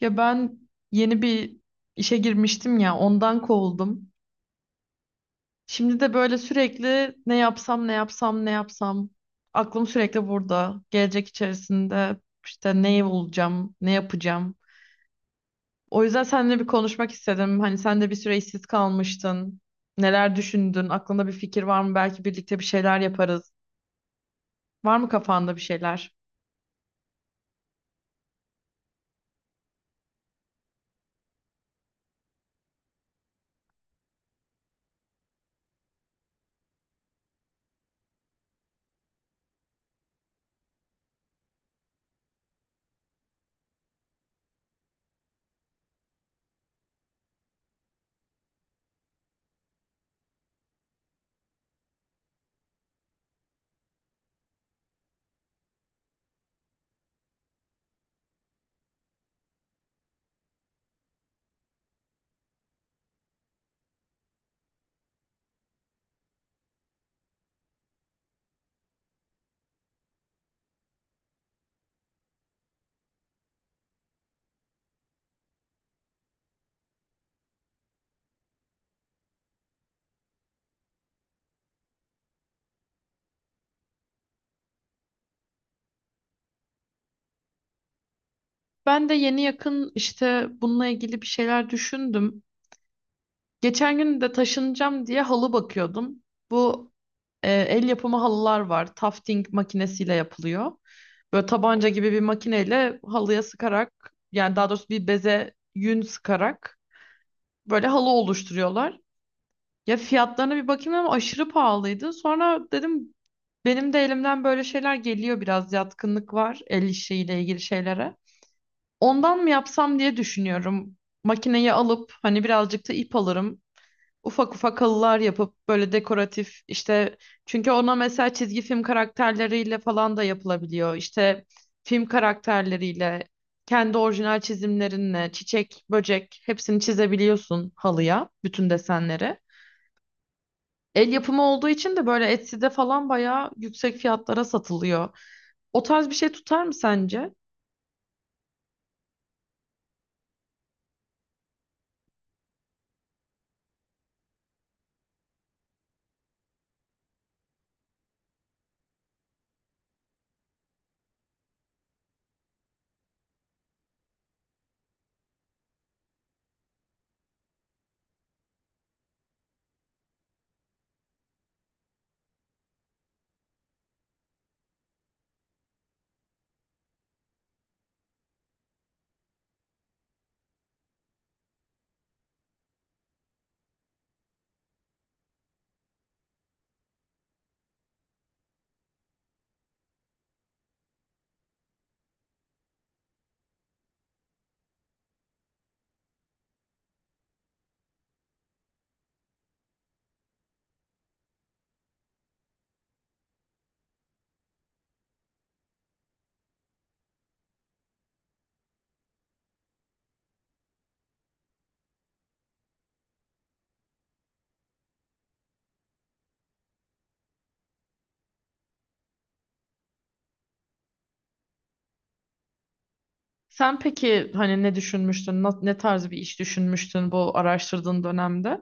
Ya ben yeni bir işe girmiştim ya ondan kovuldum. Şimdi de böyle sürekli ne yapsam ne yapsam ne yapsam, aklım sürekli burada. Gelecek içerisinde işte ne olacağım, ne yapacağım. O yüzden seninle bir konuşmak istedim. Hani sen de bir süre işsiz kalmıştın. Neler düşündün? Aklında bir fikir var mı? Belki birlikte bir şeyler yaparız. Var mı kafanda bir şeyler? Ben de yeni yakın işte bununla ilgili bir şeyler düşündüm. Geçen gün de taşınacağım diye halı bakıyordum. Bu el yapımı halılar var. Tufting makinesiyle yapılıyor. Böyle tabanca gibi bir makineyle halıya sıkarak, yani daha doğrusu bir beze yün sıkarak böyle halı oluşturuyorlar. Ya fiyatlarına bir bakayım ama aşırı pahalıydı. Sonra dedim, benim de elimden böyle şeyler geliyor, biraz yatkınlık var el işiyle ilgili şeylere. Ondan mı yapsam diye düşünüyorum. Makineyi alıp hani birazcık da ip alırım, ufak ufak halılar yapıp böyle dekoratif işte, çünkü ona mesela çizgi film karakterleriyle falan da yapılabiliyor. İşte film karakterleriyle kendi orijinal çizimlerinle çiçek, böcek hepsini çizebiliyorsun halıya, bütün desenleri. El yapımı olduğu için de böyle Etsy'de falan bayağı yüksek fiyatlara satılıyor. O tarz bir şey tutar mı sence? Sen peki hani ne düşünmüştün? Ne tarz bir iş düşünmüştün bu araştırdığın dönemde?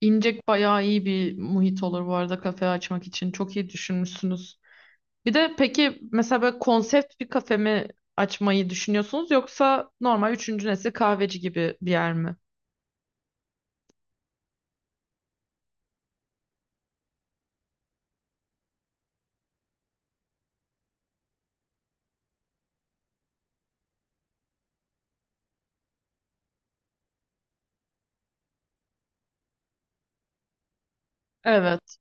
İncek bayağı iyi bir muhit olur bu arada kafe açmak için. Çok iyi düşünmüşsünüz. Bir de peki mesela böyle konsept bir kafe mi açmayı düşünüyorsunuz, yoksa normal üçüncü nesil kahveci gibi bir yer mi? Evet.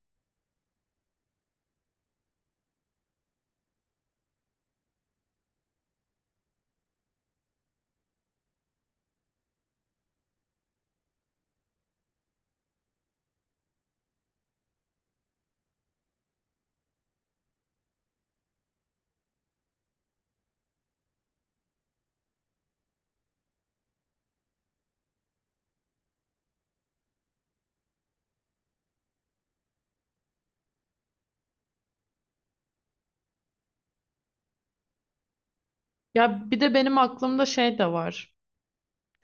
Ya bir de benim aklımda şey de var.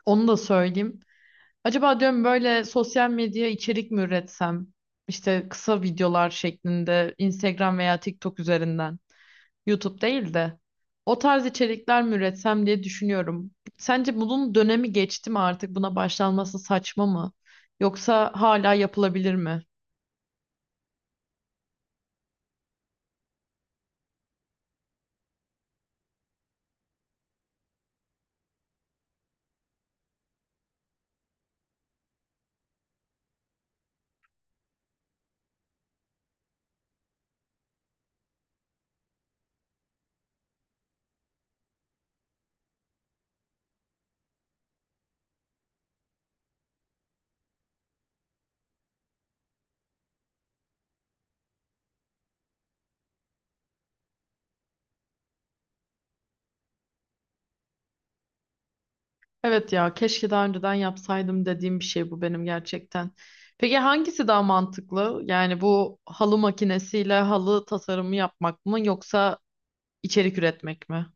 Onu da söyleyeyim. Acaba diyorum böyle sosyal medya içerik mi üretsem? İşte kısa videolar şeklinde Instagram veya TikTok üzerinden. YouTube değil de. O tarz içerikler mi üretsem diye düşünüyorum. Sence bunun dönemi geçti mi artık? Buna başlanması saçma mı? Yoksa hala yapılabilir mi? Evet ya, keşke daha önceden yapsaydım dediğim bir şey bu benim gerçekten. Peki hangisi daha mantıklı? Yani bu halı makinesiyle halı tasarımı yapmak mı, yoksa içerik üretmek mi?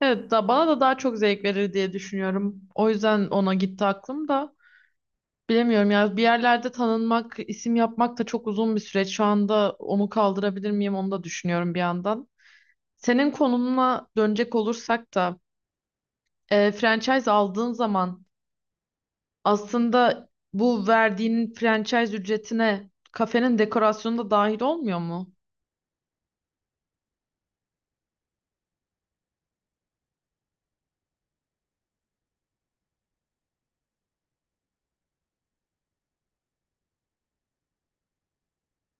Evet da bana da daha çok zevk verir diye düşünüyorum. O yüzden ona gitti aklım da. Bilemiyorum ya, bir yerlerde tanınmak, isim yapmak da çok uzun bir süreç. Şu anda onu kaldırabilir miyim, onu da düşünüyorum bir yandan. Senin konumuna dönecek olursak da franchise aldığın zaman aslında bu verdiğin franchise ücretine kafenin dekorasyonu da dahil olmuyor mu?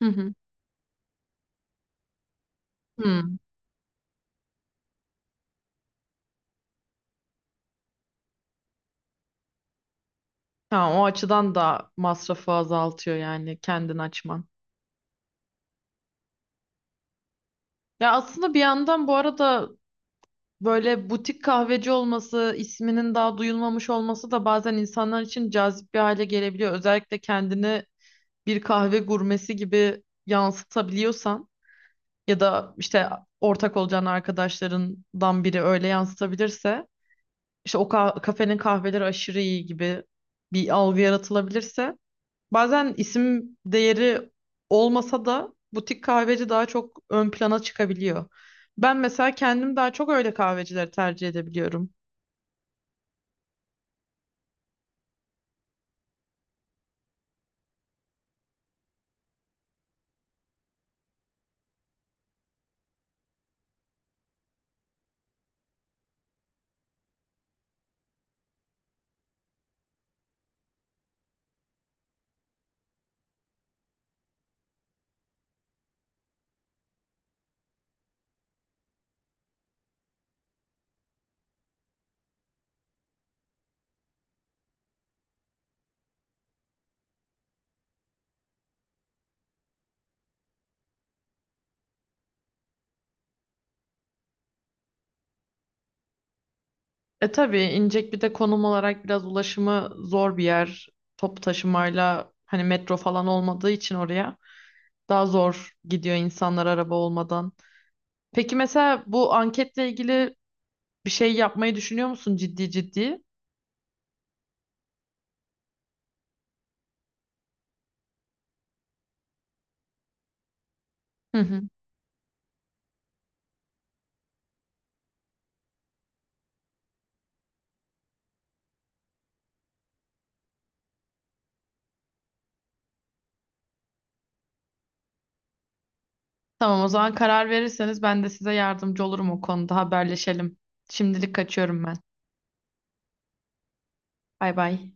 Hı hı. Hmm. Ha, o açıdan da masrafı azaltıyor yani kendin açman. Ya aslında bir yandan bu arada böyle butik kahveci olması, isminin daha duyulmamış olması da bazen insanlar için cazip bir hale gelebiliyor. Özellikle kendini bir kahve gurmesi gibi yansıtabiliyorsan, ya da işte ortak olacağın arkadaşlarından biri öyle yansıtabilirse, işte o kafenin kahveleri aşırı iyi gibi bir algı yaratılabilirse, bazen isim değeri olmasa da butik kahveci daha çok ön plana çıkabiliyor. Ben mesela kendim daha çok öyle kahvecileri tercih edebiliyorum. E tabii İncek bir de konum olarak biraz ulaşımı zor bir yer. Top taşımayla hani metro falan olmadığı için oraya. Daha zor gidiyor insanlar araba olmadan. Peki mesela bu anketle ilgili bir şey yapmayı düşünüyor musun ciddi ciddi? Hı hı. Tamam, o zaman karar verirseniz ben de size yardımcı olurum, o konuda haberleşelim. Şimdilik kaçıyorum ben. Bay bay.